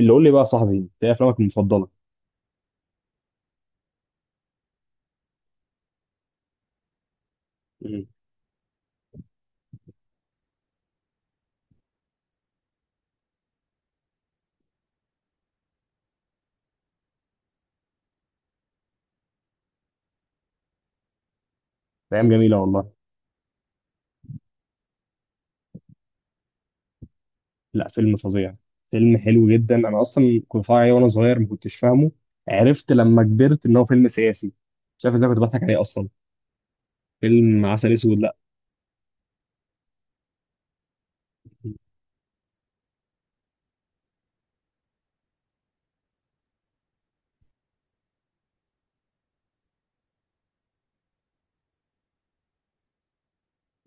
اللي قول لي بقى يا صاحبي، انت ايه افلامك المفضله؟ مم. ايام جميله والله. لا، فيلم فظيع. فيلم حلو جدا، انا اصلا كنت بتفرج عليه وانا صغير ما كنتش فاهمه. عرفت لما كبرت ان هو فيلم سياسي. مش عارف ازاي كنت بضحك عليه اصلا. فيلم عسل اسود، لا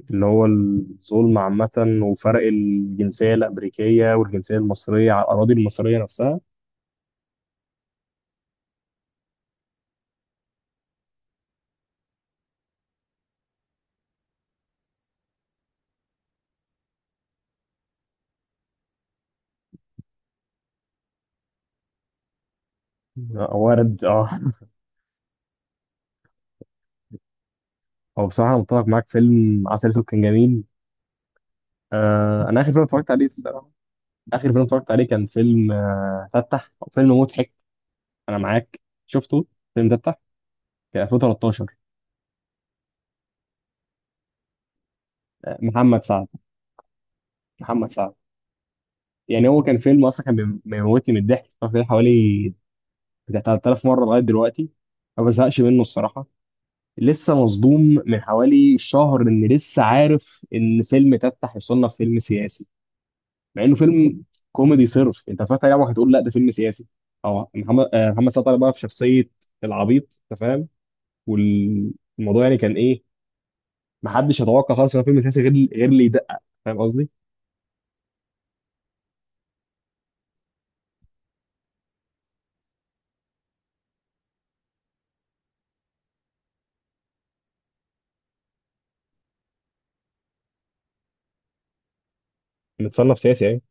اللي هو الظلم عامه، وفرق الجنسيه الامريكيه والجنسيه المصريه على الاراضي المصريه نفسها. آه، وارد اه. هو بصراحه متفق معاك، فيلم عسل اسود كان جميل. آه، انا اخر فيلم اتفرجت عليه الصراحه، اخر فيلم اتفرجت عليه كان فيلم، آه فتح، فيلم مضحك. انا معاك. شفته الفيلم ده بتاع، كان 2013. آه، محمد سعد. محمد سعد. يعني هو كان فيلم اصلا، كان بيموتني من الضحك. اتفرجت عليه حوالي بتاع 3000 مره لغايه دلوقتي، ما بزهقش منه الصراحه. لسه مصدوم من حوالي شهر ان لسه عارف ان فيلم تفتح يصنف فيلم سياسي، مع انه فيلم كوميدي صرف. انت اتفرجت عليه عمرك هتقول لا ده فيلم سياسي. اه محمد، آه، محمد سعد طالع بقى في شخصيه العبيط، انت فاهم؟ والموضوع يعني كان ايه؟ ما حدش يتوقع خالص ان هو فيلم سياسي، غير اللي يدقق، فاهم قصدي؟ متصنف سياسي يعني.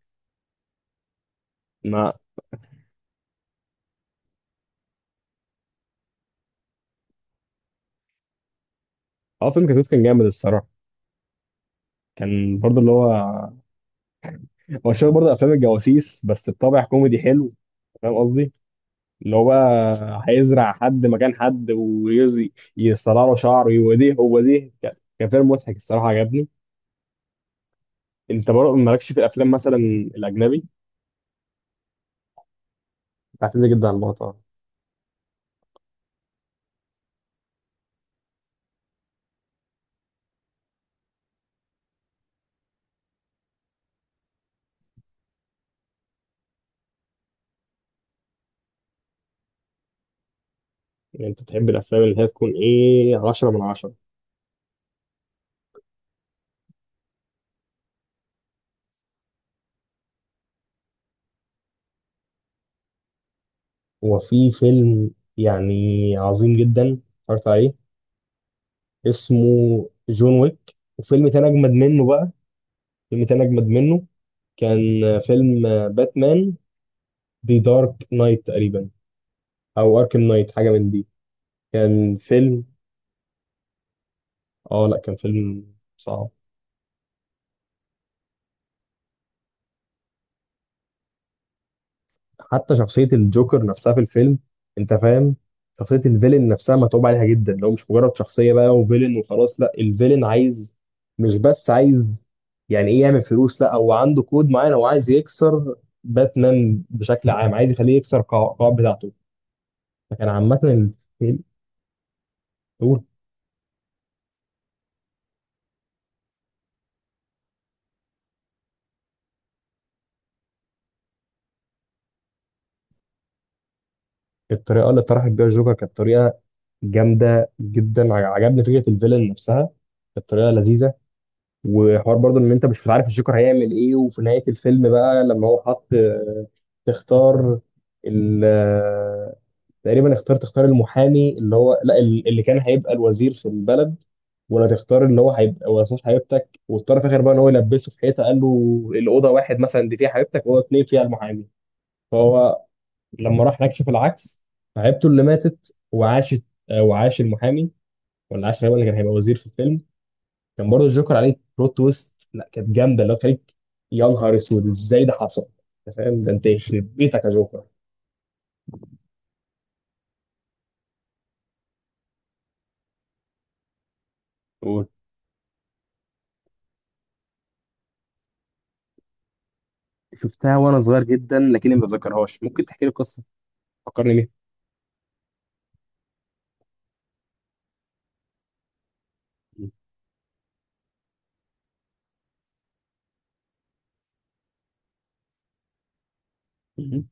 ما اه، فيلم كتكوت كان جامد الصراحه. كان برضه اللي هو، هو شبه برضه افلام الجواسيس بس بطابع كوميدي حلو. فاهم قصدي؟ اللي هو بقى هيزرع حد مكان حد، ويزي يصلع له شعره يوديه هو ديه. كان كان فيلم مضحك الصراحه، عجبني. انت برضه مالكش في الافلام مثلا الاجنبي؟ بعتمد جدا على الموضوع ده. يعني انت بتحب الافلام اللي هي تكون ايه، 10 من 10؟ هو في فيلم يعني عظيم جدا اتفرجت عليه، اسمه جون ويك. وفيلم تاني أجمد منه بقى، فيلم تاني أجمد منه، كان آه، فيلم آه، باتمان، دي دارك نايت تقريبا، أو أركم نايت، حاجة من دي. كان فيلم، آه لأ كان فيلم صعب. حتى شخصية الجوكر نفسها في الفيلم، أنت فاهم، شخصية الفيلن نفسها متعوب عليها جدا. لو مش مجرد شخصية بقى وفيلن وخلاص، لأ الفيلن عايز، مش بس عايز يعني إيه يعمل فلوس، لأ هو عنده كود معين هو عايز يكسر. باتمان بشكل عام، عايز يخليه يكسر القواعد بتاعته. كان عامة الفيل، قول. الطريقة اللي طرحت بيها الجوكر كانت طريقة جامدة جدا. عجبني فكرة الفيلن نفسها، كانت طريقة لذيذة. وحوار برضه ان انت مش عارف الجوكر هيعمل ايه. وفي نهاية الفيلم بقى، لما هو حط آه، تختار ال آه، تقريبا اختار، تختار المحامي اللي هو لا اللي كان هيبقى الوزير في البلد، ولا تختار اللي هو هيبقى وزير حبيبتك. واضطر في الاخر بقى ان هو يلبسه في حيطه، قال له الاوضه واحد مثلا دي فيها حبيبتك، واوضه اتنين فيها المحامي. فهو لما راح هناك شاف العكس، فعيبته اللي ماتت وعاشت، آه، وعاش المحامي، ولا عاش غالبا اللي كان هيبقى وزير في الفيلم. كان برضه الجوكر عليه بلوت تويست، لا كانت جامده اللي هو تخليك يا نهار اسود ازاي ده حصل. انت فاهم؟ ده انت يخرب بيتك يا جوكر. قول. شفتها وانا صغير جدا، لكني ما بتذكرهاش. ممكن تحكي لي القصه، فكرني بيها. مم.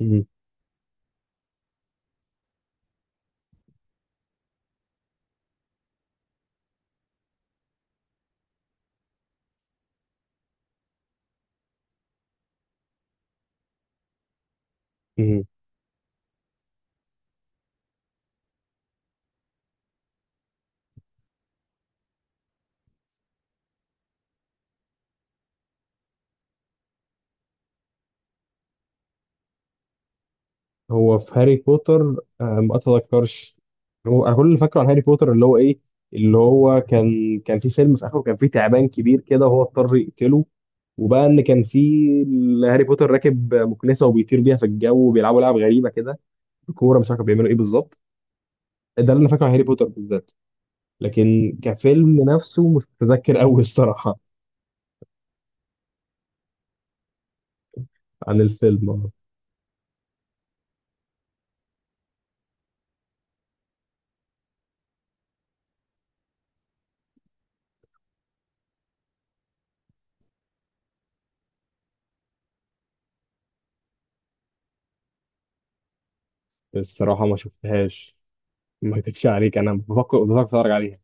مم. مم. هو في هاري بوتر آه، ما اتذكرش. هو انا كل اللي فاكره عن هاري بوتر اللي هو ايه، اللي هو كان، كان في فيلم في اخره كان في تعبان كبير كده، وهو اضطر يقتله. وبقى ان كان في هاري بوتر راكب مكنسه وبيطير بيها في الجو، وبيلعبوا لعب غريبه كده بكوره، مش عارف كانوا بيعملوا ايه بالظبط. ده اللي انا فاكره عن هاري بوتر بالذات، لكن كفيلم نفسه مش متذكر قوي الصراحه. عن الفيلم آه، الصراحه ما شفتهاش. ما اكدبش عليك، انا بفكر اتفرج عليها.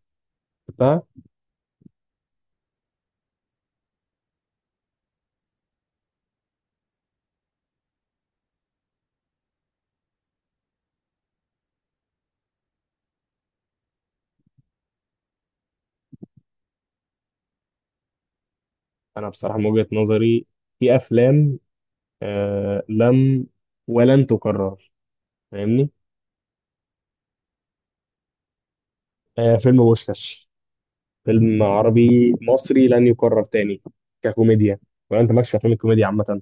انا بصراحه من وجهه نظري، في افلام آه لم ولن تكرر، فاهمني؟ آه فيلم بوشكاش، فيلم عربي مصري لن يكرر تاني ككوميديا. ولا انت مالكش في افلام الكوميديا عامه؟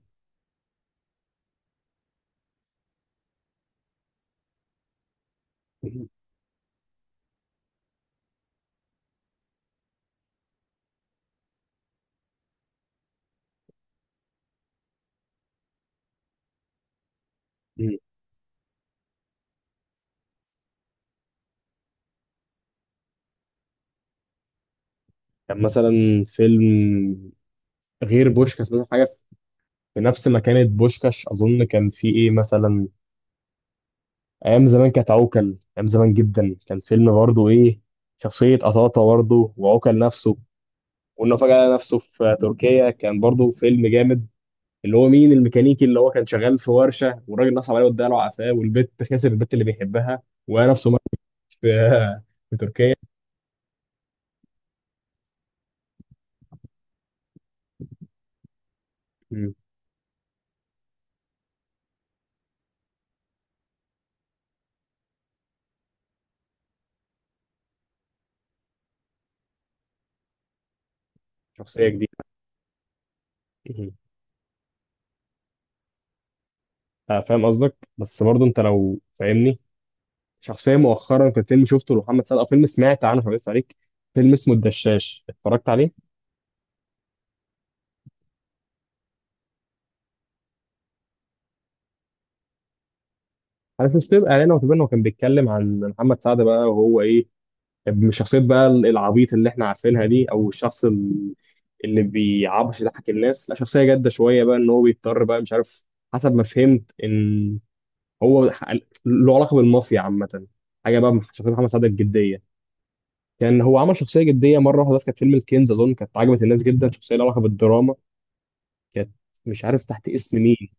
مم. كان مثلا فيلم، غير بوشكاش مثلا حاجه في نفس مكانة بوشكاش، اظن كان في ايه مثلا، ايام زمان كانت عوكل. ايام زمان جدا، كان فيلم برضه ايه، شخصيه قطاطه برضه، وعوكل نفسه، وانه فجاه لقى نفسه في تركيا. كان برضه فيلم جامد، اللي هو مين الميكانيكي اللي هو كان شغال في ورشه، والراجل نصب عليه واداله عفاه، والبت خسر البت اللي بيحبها، وهي نفسه مات في في تركيا. مم. شخصيه جديده. مم. آه، فاهم قصدك، بس برضه انت لو فاهمني، شخصيه مؤخرا كان فيلم شفته لمحمد سعد، او فيلم سمعت عنه مش عارف عليك، فيلم اسمه الدشاش، اتفرجت عليه؟ عارف مش تبقى اعلان، او تبقى انه كان بيتكلم عن محمد سعد بقى وهو ايه، مش شخصية بقى العبيط اللي احنا عارفينها دي، او الشخص اللي بيعبش يضحك الناس، لا شخصية جادة شوية بقى، ان هو بيضطر بقى، مش عارف، حسب ما فهمت ان هو له علاقة بالمافيا عامة. حاجة بقى شخصية محمد سعد الجدية. كان هو عمل شخصية جدية مرة واحدة بس، كانت فيلم الكنز أظن، كانت عجبت الناس جدا، شخصية لها علاقة بالدراما كانت، مش عارف تحت اسم مين.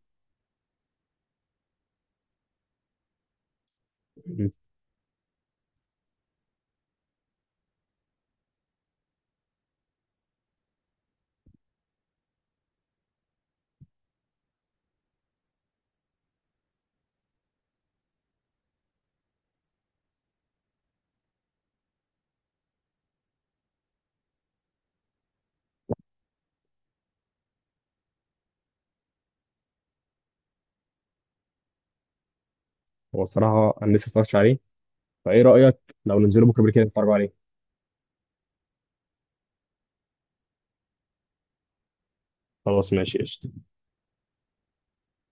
هو الصراحة أنا لسه متفرجتش عليه، فإيه رأيك لو ننزله بكرة بالليل كده نتفرج عليه؟ خلاص ماشي قشطة.